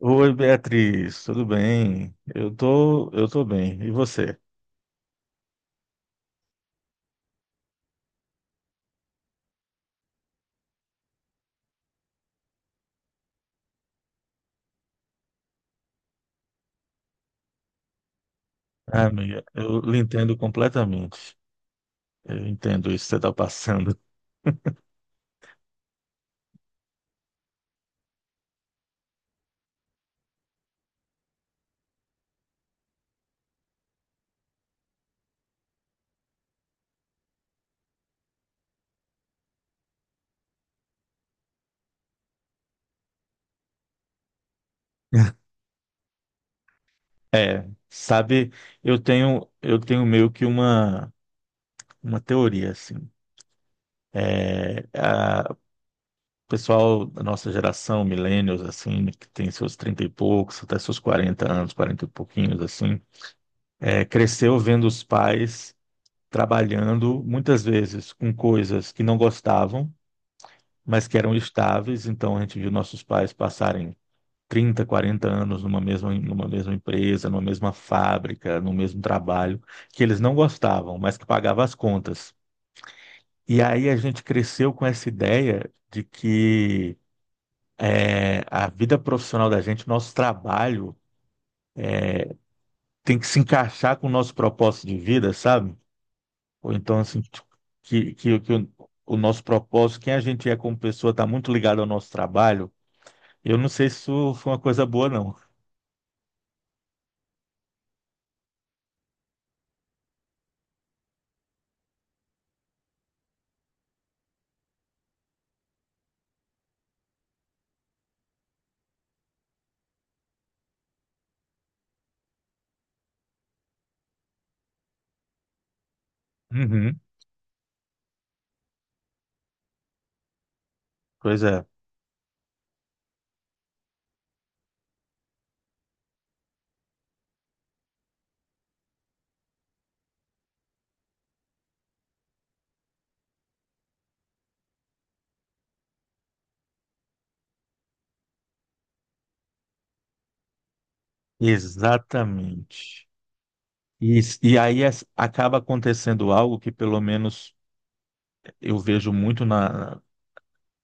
Oi, Beatriz, tudo bem? Eu tô bem. E você? Ah, amiga, eu lhe entendo completamente. Eu entendo isso que você está passando. É, sabe, eu tenho meio que uma teoria, assim. O pessoal da nossa geração, millennials, assim, né, que tem seus 30 e poucos, até seus 40 anos, 40 e pouquinhos, assim, cresceu vendo os pais trabalhando muitas vezes com coisas que não gostavam, mas que eram estáveis. Então a gente viu nossos pais passarem 30, 40 anos numa mesma empresa, numa mesma fábrica, no mesmo trabalho, que eles não gostavam, mas que pagava as contas. E aí a gente cresceu com essa ideia de que a vida profissional da gente, nosso trabalho, tem que se encaixar com o nosso propósito de vida, sabe? Ou então, assim, tipo, que, que, que o, o nosso propósito, quem a gente é como pessoa, está muito ligado ao nosso trabalho. Eu não sei se isso foi uma coisa boa, não. Uhum. Pois é, exatamente. E aí acaba acontecendo algo que, pelo menos, eu vejo muito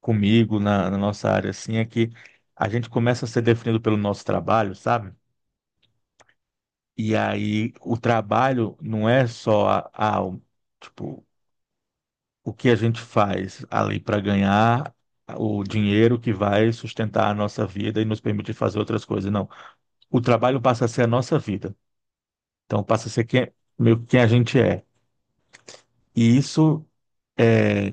comigo, na nossa área, assim, é que a gente começa a ser definido pelo nosso trabalho, sabe? E aí o trabalho não é só a, o- tipo, o que a gente faz ali para ganhar o dinheiro que vai sustentar a nossa vida e nos permitir fazer outras coisas. Não. O trabalho passa a ser a nossa vida. Então passa a ser quem, meio que quem a gente é. E isso é,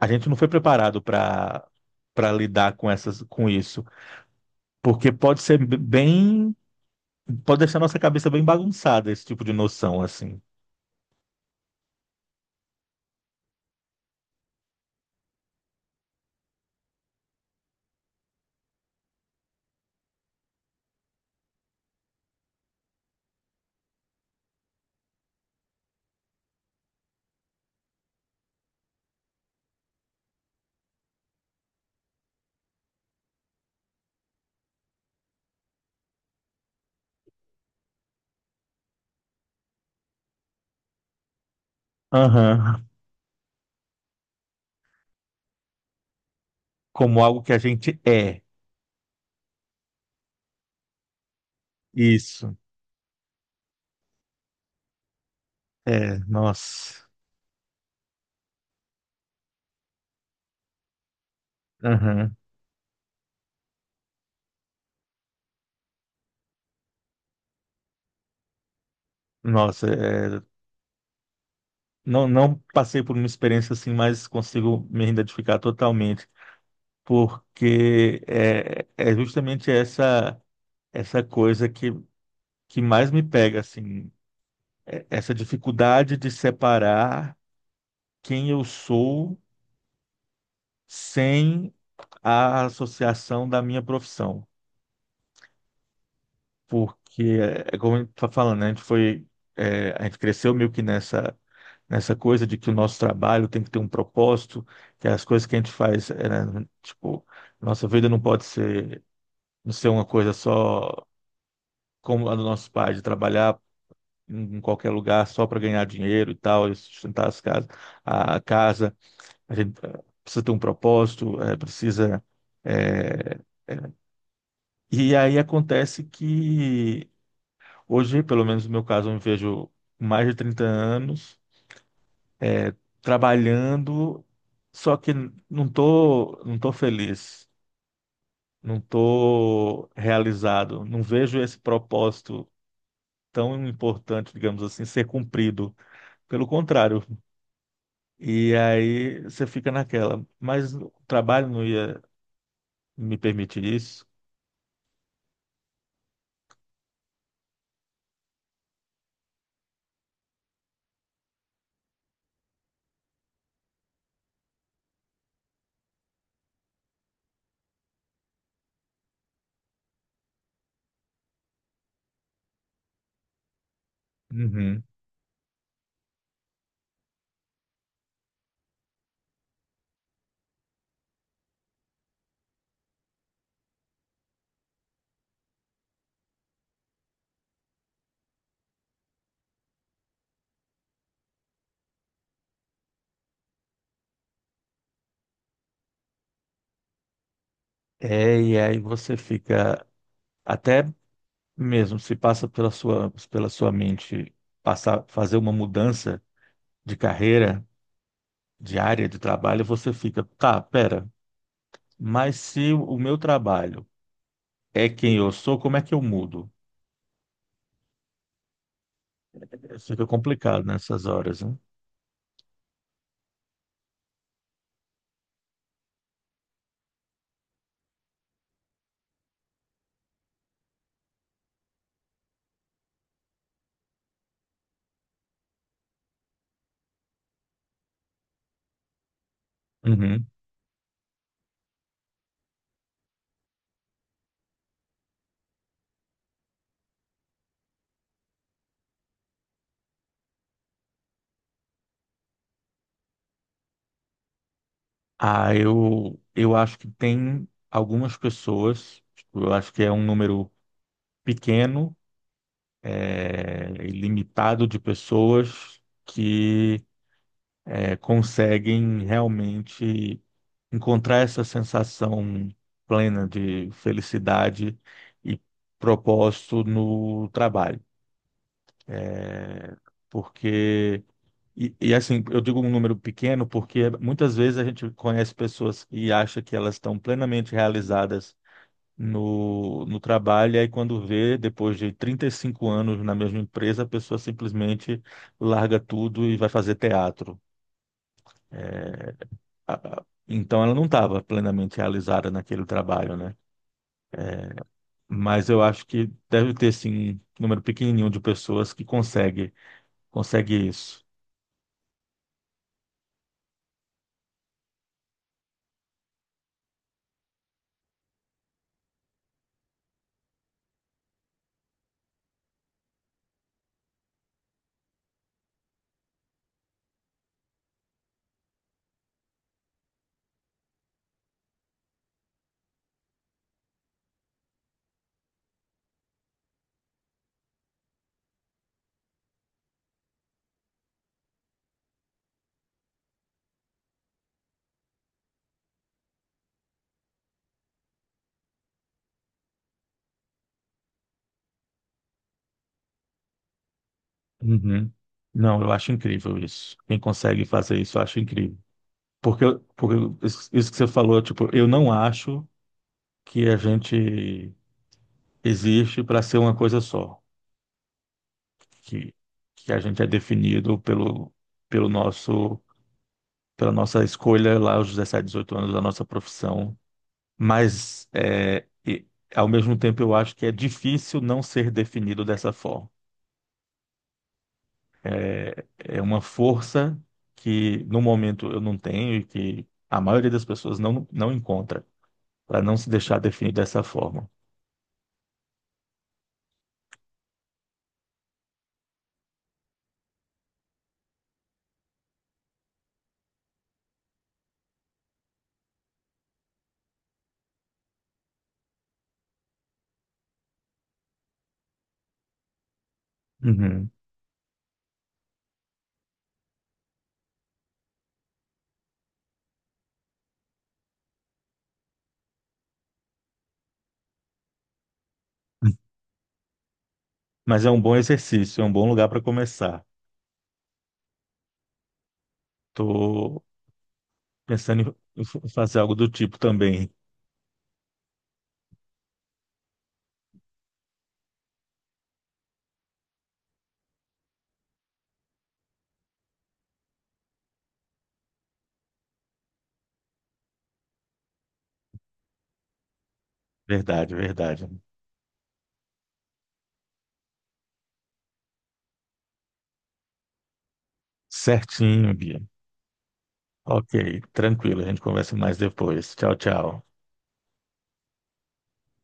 a gente não foi preparado para lidar com essas com isso, porque pode deixar nossa cabeça bem bagunçada esse tipo de noção assim. Aham. Como algo que a gente é. Isso. É, nossa. Aham. Nossa, é, não passei por uma experiência assim, mas consigo me identificar totalmente, porque é justamente essa coisa que mais me pega, assim, essa dificuldade de separar quem eu sou sem a associação da minha profissão, porque é como a gente está falando, né, a gente foi a gente cresceu meio que nessa nessa coisa de que o nosso trabalho tem que ter um propósito, que as coisas que a gente faz, é, né, tipo, nossa vida não pode ser, não ser uma coisa só como a dos nossos pais, de trabalhar em qualquer lugar só para ganhar dinheiro e tal, e sustentar as casas, a casa, a gente precisa ter um propósito, eh, eh, e aí acontece que hoje, pelo menos no meu caso, eu me vejo com mais de 30 anos, eh, trabalhando, só que não tô feliz, não tô realizado, não vejo esse propósito tão importante, digamos assim, ser cumprido. Pelo contrário. E aí você fica naquela, mas o trabalho não ia me permitir isso. Uhum. É, e aí você fica até mesmo se passa pela sua mente passar fazer uma mudança de carreira, de área de trabalho, você fica, tá, pera, mas se o meu trabalho é quem eu sou, como é que eu mudo? Fica complicado nessas horas, né? Uhum. Ah, eu acho que tem algumas pessoas, tipo, eu acho que é um número pequeno, e limitado de pessoas que conseguem realmente encontrar essa sensação plena de felicidade e propósito no trabalho. É, porque assim, eu digo um número pequeno porque muitas vezes a gente conhece pessoas e acha que elas estão plenamente realizadas no trabalho, e aí quando vê, depois de 35 anos na mesma empresa, a pessoa simplesmente larga tudo e vai fazer teatro. A- Então ela não estava plenamente realizada naquele trabalho, né? Mas eu acho que deve ter, sim, um número pequenininho de pessoas que consegue isso. Uhum. Não, eu acho incrível isso. Quem consegue fazer isso, eu acho incrível. Porque isso que você falou, tipo, eu não acho que a gente existe para ser uma coisa só, que, que a gente é definido pelo nosso, pela nossa escolha lá aos 17, 18 anos da nossa profissão. Mas, ao mesmo tempo, eu acho que é difícil não ser definido dessa forma. é é uma força que no momento eu não tenho e que a maioria das pessoas não encontra, para não se deixar definir dessa forma. Uhum. Mas é um bom exercício, é um bom lugar para começar. Estou pensando em fazer algo do tipo também. Verdade, verdade. Certinho, Bia. Ok, tranquilo, a gente conversa mais depois. Tchau, tchau.